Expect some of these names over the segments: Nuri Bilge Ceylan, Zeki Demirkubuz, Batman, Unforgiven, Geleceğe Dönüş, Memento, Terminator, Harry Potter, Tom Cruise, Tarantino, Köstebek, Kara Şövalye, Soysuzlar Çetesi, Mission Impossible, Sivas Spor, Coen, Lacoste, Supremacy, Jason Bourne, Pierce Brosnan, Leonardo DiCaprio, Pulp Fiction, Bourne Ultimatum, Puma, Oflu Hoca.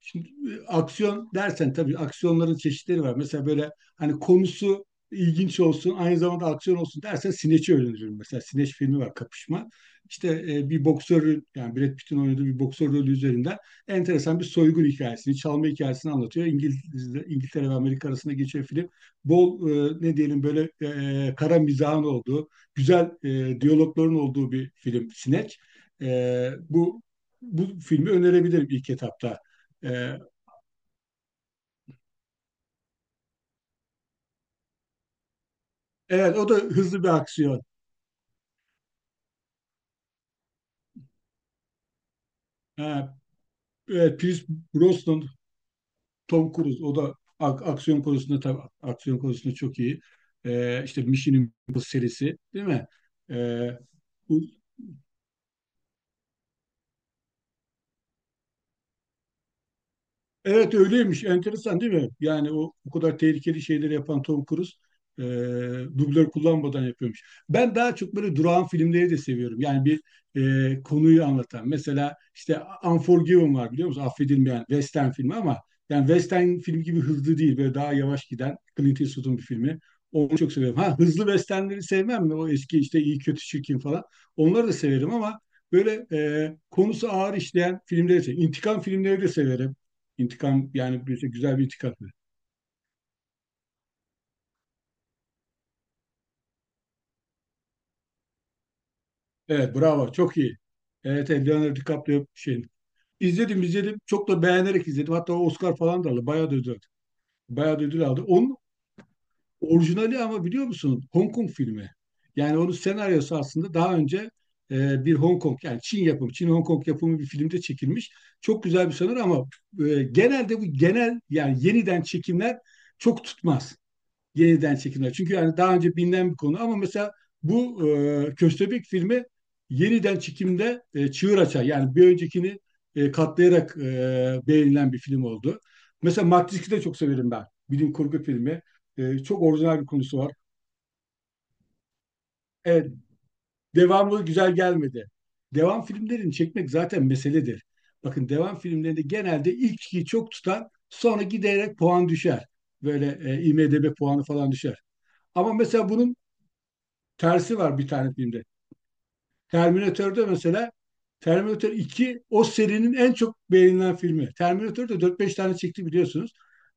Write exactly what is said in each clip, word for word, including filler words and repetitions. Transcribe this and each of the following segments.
Şimdi e, aksiyon dersen tabii aksiyonların çeşitleri var. Mesela böyle hani konusu ilginç olsun, aynı zamanda aksiyon olsun dersen Sineç'i öğrenirim. Mesela Sineç filmi var, Kapışma. İşte e, bir boksörün, yani Brad Pitt'in oynadığı bir boksör rolü üzerinden enteresan bir soygun hikayesini, çalma hikayesini anlatıyor. İngiliz, İngiltere ve Amerika arasında geçen film. Bol e, ne diyelim böyle e, kara mizahın olduğu, güzel e, diyalogların olduğu bir film Sineç. E, bu bu filmi önerebilirim ilk etapta. Ee, evet, o da hızlı bir aksiyon. Ha, evet, Pierce Brosnan, Tom Cruise, o da ak- aksiyon konusunda, tabii aksiyon konusunda çok iyi. Ee, işte Mission Impossible serisi, değil mi? Ee, bu Evet, öyleymiş. Enteresan değil mi? Yani o, o kadar tehlikeli şeyleri yapan Tom Cruise e, dublör kullanmadan yapıyormuş. Ben daha çok böyle durağan filmleri de seviyorum. Yani bir e, konuyu anlatan. Mesela işte Unforgiven var, biliyor musun? Affedilmeyen Western filmi ama yani Western film gibi hızlı değil. Böyle daha yavaş giden Clint Eastwood'un bir filmi. Onu çok seviyorum. Ha, hızlı Westernleri sevmem mi? O eski işte iyi kötü çirkin falan. Onları da severim ama böyle e, konusu ağır işleyen filmleri severim. İntikam filmleri de severim. İntikam yani bir, güzel bir intikam. Evet, bravo, çok iyi. Evet, evet, Leonardo DiCaprio şey. İzledim izledim. Çok da beğenerek izledim. Hatta o Oscar falan da aldı. Bayağı da ödül aldı. Bayağı da ödül aldı. Onun orijinali ama, biliyor musun? Hong Kong filmi. Yani onun senaryosu aslında daha önce e, bir Hong Kong yani Çin yapımı, Çin Hong Kong yapımı bir filmde çekilmiş. Çok güzel bir senaryo ama e, genelde bu genel yani yeniden çekimler çok tutmaz. Yeniden çekimler. Çünkü yani daha önce bilinen bir konu ama mesela bu e, Köstebek filmi yeniden çekimde e, çığır açar. Yani bir öncekini e, katlayarak e, beğenilen bir film oldu. Mesela Matrix'i de çok severim ben. Bilim kurgu filmi. E, çok orijinal bir konusu var. Evet, devamı güzel gelmedi. Devam filmlerini çekmek zaten meseledir. Bakın, devam filmlerinde genelde ilkiyi çok tutan sonra giderek puan düşer. Böyle e, i me de be puanı falan düşer. Ama mesela bunun tersi var bir tane filmde. Terminator'da mesela Terminator iki o serinin en çok beğenilen filmi. Terminator'da dört beş tane çekti, biliyorsunuz.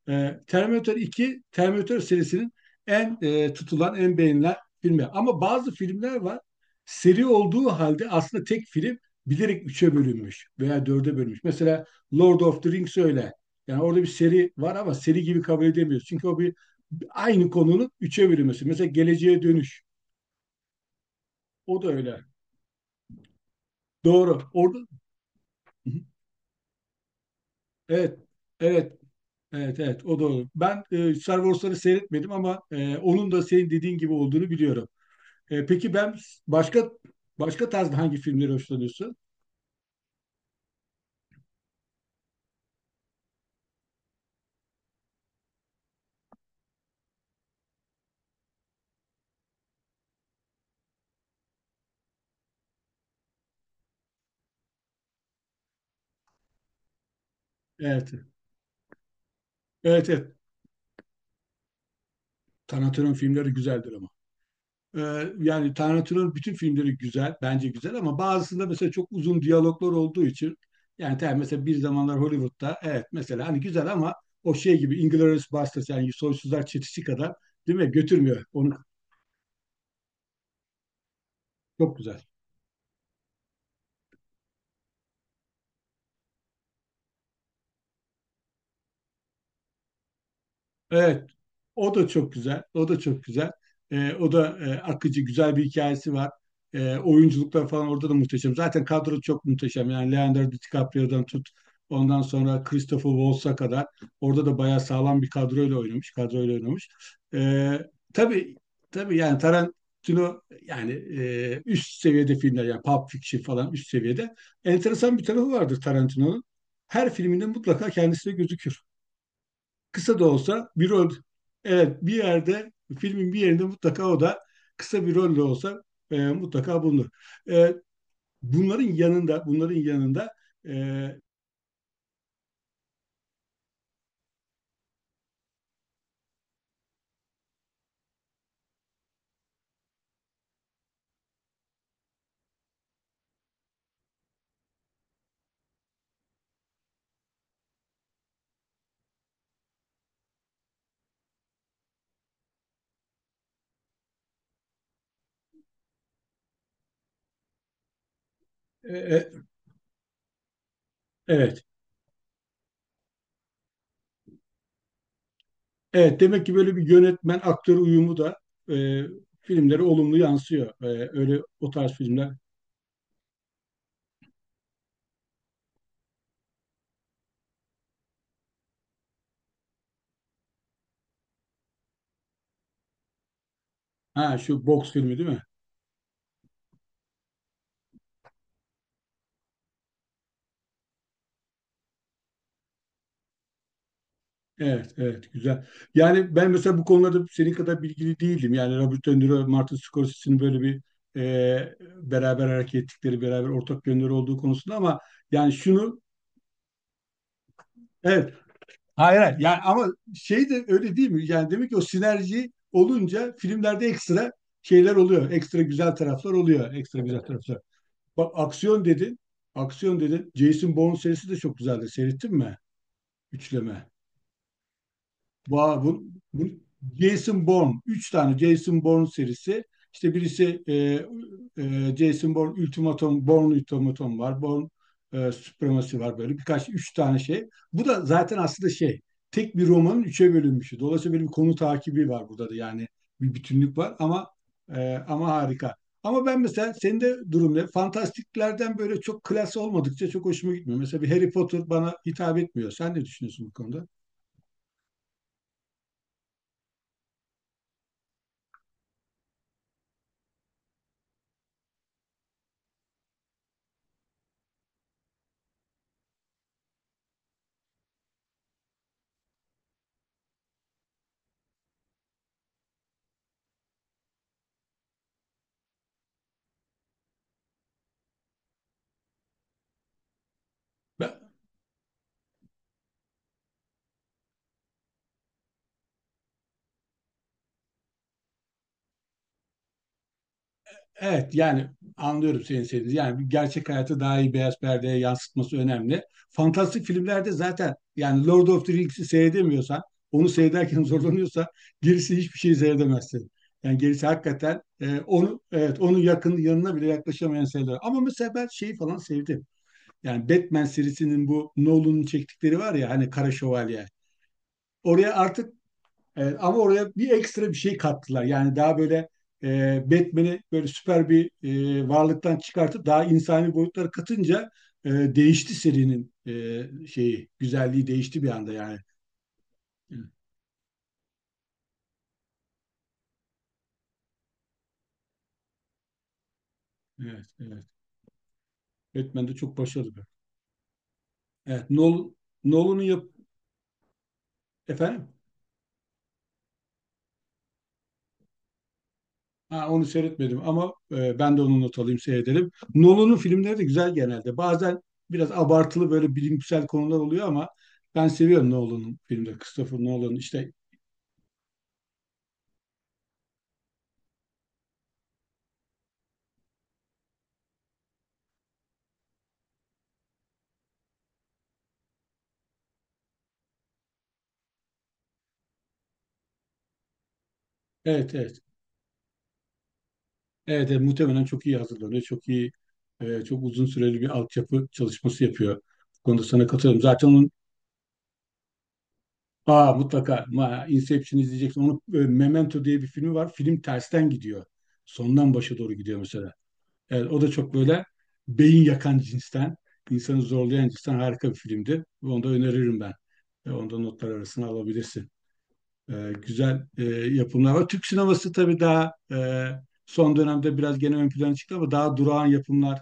Ee, Terminator iki Terminator serisinin en e, tutulan, en beğenilen filmi. Ama bazı filmler var. Seri olduğu halde aslında tek film bilerek üç'e bölünmüş veya dörde bölünmüş. Mesela Lord of the Rings öyle. Yani orada bir seri var ama seri gibi kabul edemiyoruz. Çünkü o bir, aynı konunun üç'e bölünmesi. Mesela Geleceğe Dönüş. O da öyle. Doğru. Orada. Hı hı. Evet. Evet. Evet, evet, o doğru. Ben e, Star Wars'ları seyretmedim ama e, onun da senin dediğin gibi olduğunu biliyorum. E, peki ben başka başka tarzda hangi filmleri hoşlanıyorsun? Evet. Evet, evet. Tarantino'nun filmleri güzeldir ama. Ee, yani Tarantino'nun bütün filmleri güzel, bence güzel, ama bazısında mesela çok uzun diyaloglar olduğu için yani tabii mesela bir zamanlar Hollywood'da evet mesela hani güzel ama o şey gibi Inglourious Basterds yani Soysuzlar Çetesi kadar değil mi? Götürmüyor. Onu, çok güzel. Evet, o da çok güzel, o da çok güzel. Ee, o da e, akıcı, güzel bir hikayesi var. Ee, oyunculuklar falan orada da muhteşem. Zaten kadro çok muhteşem. Yani Leonardo DiCaprio'dan tut, ondan sonra Christopher Waltz'a kadar. Orada da bayağı sağlam bir kadroyla oynamış, kadroyla oynamış. Ee, tabii, tabii yani Tarantino yani e, üst seviyede filmler, yani Pulp Fiction falan üst seviyede. Enteresan bir tarafı vardır Tarantino'nun. Her filminde mutlaka kendisi de gözükür, kısa da olsa bir rol, evet, bir yerde, filmin bir yerinde mutlaka o da, kısa bir rol de olsa e, mutlaka bulunur. E, Bunların yanında, bunların yanında, e, e, e, evet evet, demek ki böyle bir yönetmen aktör uyumu da e, filmlere olumlu yansıyor. E, öyle, o tarz filmler. Ha, şu boks filmi değil mi? Evet, evet, güzel. Yani ben mesela bu konularda senin kadar bilgili değildim. Yani Robert De Niro, Martin Scorsese'nin böyle bir e, beraber hareket ettikleri, beraber ortak yönleri olduğu konusunda ama yani şunu, evet, hayır, hayır. Yani ama şey de öyle değil mi? Yani demek ki o sinerji olunca filmlerde ekstra şeyler oluyor. Ekstra güzel taraflar oluyor. Ekstra güzel taraflar. Bak, aksiyon dedin. Aksiyon dedin. Jason Bourne serisi de çok güzeldi. Seyrettin mi? Üçleme. Va- bu, bu Jason Bourne. Üç tane Jason Bourne serisi. İşte birisi e, e, Jason Bourne Ultimatum, Bourne Ultimatum var. Bourne e, Supremacy var böyle. Birkaç, üç tane şey. Bu da zaten aslında şey. Tek bir romanın üçe bölünmüşü. Dolayısıyla böyle bir konu takibi var burada da. Yani bir bütünlük var ama e, ama harika. Ama ben mesela senin de durum ne? Fantastiklerden böyle çok klas olmadıkça çok hoşuma gitmiyor. Mesela bir Harry Potter bana hitap etmiyor. Sen ne düşünüyorsun bu konuda? Ben, Evet, yani anlıyorum senin sevdiğini. Yani gerçek hayatı daha iyi beyaz perdeye yansıtması önemli. Fantastik filmlerde zaten yani Lord of the Rings'i seyredemiyorsan, onu seyrederken zorlanıyorsa gerisi hiçbir şey seyredemezsin. Yani gerisi hakikaten e, onu, evet, onun yakın yanına bile yaklaşamayan seyirler. Ama mesela ben şeyi falan sevdim. Yani Batman serisinin bu Nolan'ın çektikleri var ya, hani Kara Şövalye. Oraya artık. Evet, ama oraya bir ekstra bir şey kattılar. Yani daha böyle e, Batman'i böyle süper bir e, varlıktan çıkartıp daha insani boyutlara katınca e, değişti serinin e, şeyi, güzelliği değişti bir anda yani. Evet, evet. Batman de çok başarılı. Evet, Nolan, Nolan'ın yap efendim. Ha, onu seyretmedim ama e, ben de onu not alayım, seyredelim. Nolan'ın filmleri de güzel genelde. Bazen biraz abartılı böyle bilimsel konular oluyor ama ben seviyorum Nolan'ın filmleri. Christopher Nolan'ın işte. Evet, evet. Evet, evet, muhtemelen çok iyi hazırlanıyor. Çok iyi, e, çok uzun süreli bir altyapı çalışması yapıyor. Bu konuda sana katılıyorum. Zaten onun. Aa, mutlaka. Ma, Inception izleyeceksin. Onu, e, Memento diye bir filmi var. Film tersten gidiyor. Sondan başa doğru gidiyor mesela. Evet, o da çok böyle beyin yakan cinsten, insanı zorlayan cinsten harika bir filmdi. Onu da öneririm ben. E, onu da notlar arasına alabilirsin. E, güzel, e, yapımlar var. Türk sineması tabii daha e, son dönemde biraz gene ön plana çıktı ama daha durağan yapımlar,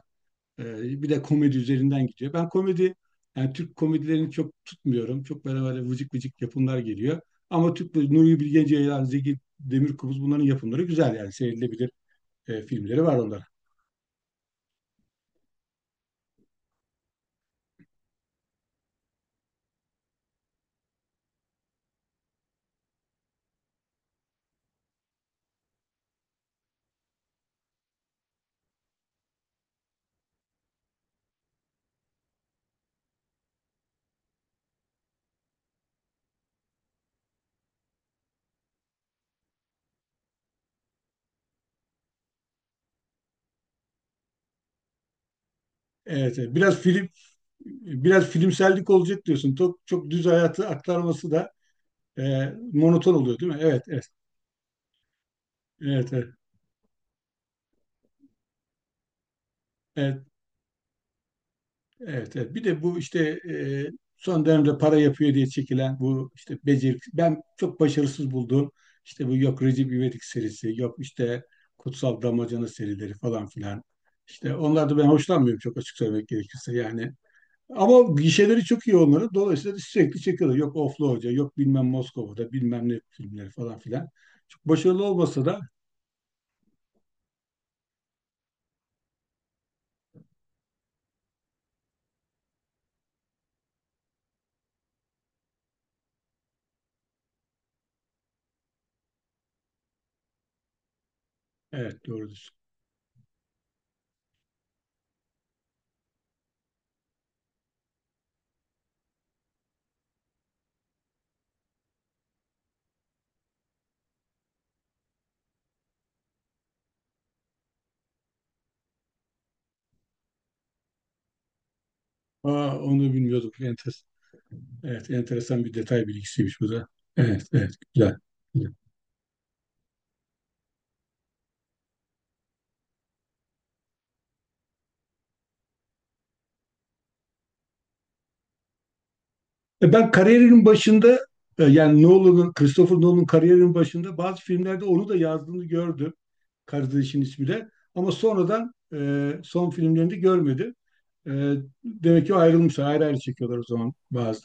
ee, bir de komedi üzerinden gidiyor. Ben komedi, yani Türk komedilerini çok tutmuyorum. Çok böyle böyle vıcık vıcık yapımlar geliyor. Ama Türk, Nuri Bilge Ceylan, Zeki Demirkubuz, bunların yapımları güzel, yani seyredilebilir e, filmleri var onların. Evet, evet. Biraz film biraz filmsellik olacak diyorsun. Çok çok düz hayatı aktarması da e, monoton oluyor değil mi? Evet, evet. Evet, evet. Evet. Evet, evet. Bir de bu işte e, son dönemde para yapıyor diye çekilen, bu işte becer ben çok başarısız bulduğum işte bu, yok Recep İvedik serisi, yok işte Kutsal Damacana serileri falan filan. İşte onlarda ben hoşlanmıyorum, çok açık söylemek gerekirse, yani. Ama gişeleri çok iyi onların. Dolayısıyla sürekli çekiyorlar. Yok Oflu Hoca, yok bilmem Moskova'da, bilmem ne filmleri falan filan. Çok başarılı olmasa da, evet, doğrudur. Aa, onu bilmiyorduk. Enteresan. Evet, enteresan bir detay bilgisiymiş bu da. Evet, evet, güzel. Güzel. E Ben kariyerimin başında, e, yani Nolan'ın, Christopher Nolan'ın kariyerinin başında bazı filmlerde onu da yazdığını gördüm. Kardeşin ismi de. Ama sonradan e, son filmlerinde görmedim. Ee, Demek ki ayrılmışlar. Ayrı ayrı çekiyorlar o zaman bazı.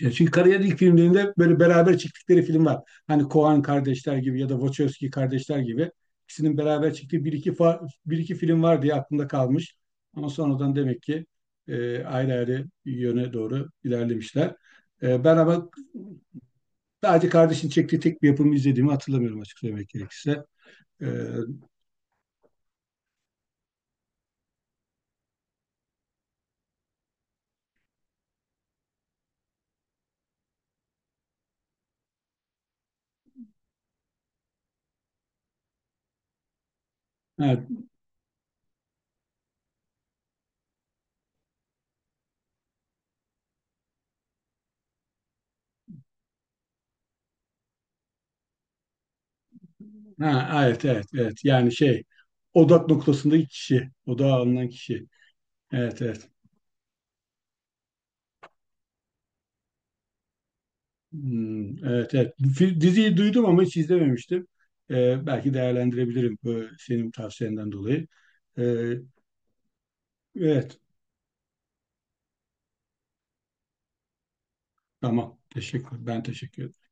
Ya, çünkü kariyerin ilk filmlerinde böyle beraber çektikleri film var. Hani Coen kardeşler gibi ya da Wachowski kardeşler gibi. İkisinin beraber çektiği bir iki, fa- bir iki film var diye aklımda kalmış. Ama sonradan demek ki e, ayrı ayrı yöne doğru ilerlemişler. E, ben ama sadece kardeşin çektiği tek bir yapımı izlediğimi hatırlamıyorum, açık söylemek gerekirse. E, evet. Ha, evet, evet, evet. Yani şey, odak noktasındaki kişi, odağa alınan kişi. Evet, evet. Hmm, evet, evet. Fi- Diziyi duydum ama hiç izlememiştim. Ee, belki değerlendirebilirim bu senin tavsiyenden dolayı. Ee, evet, tamam. Teşekkür. Ben teşekkür ederim.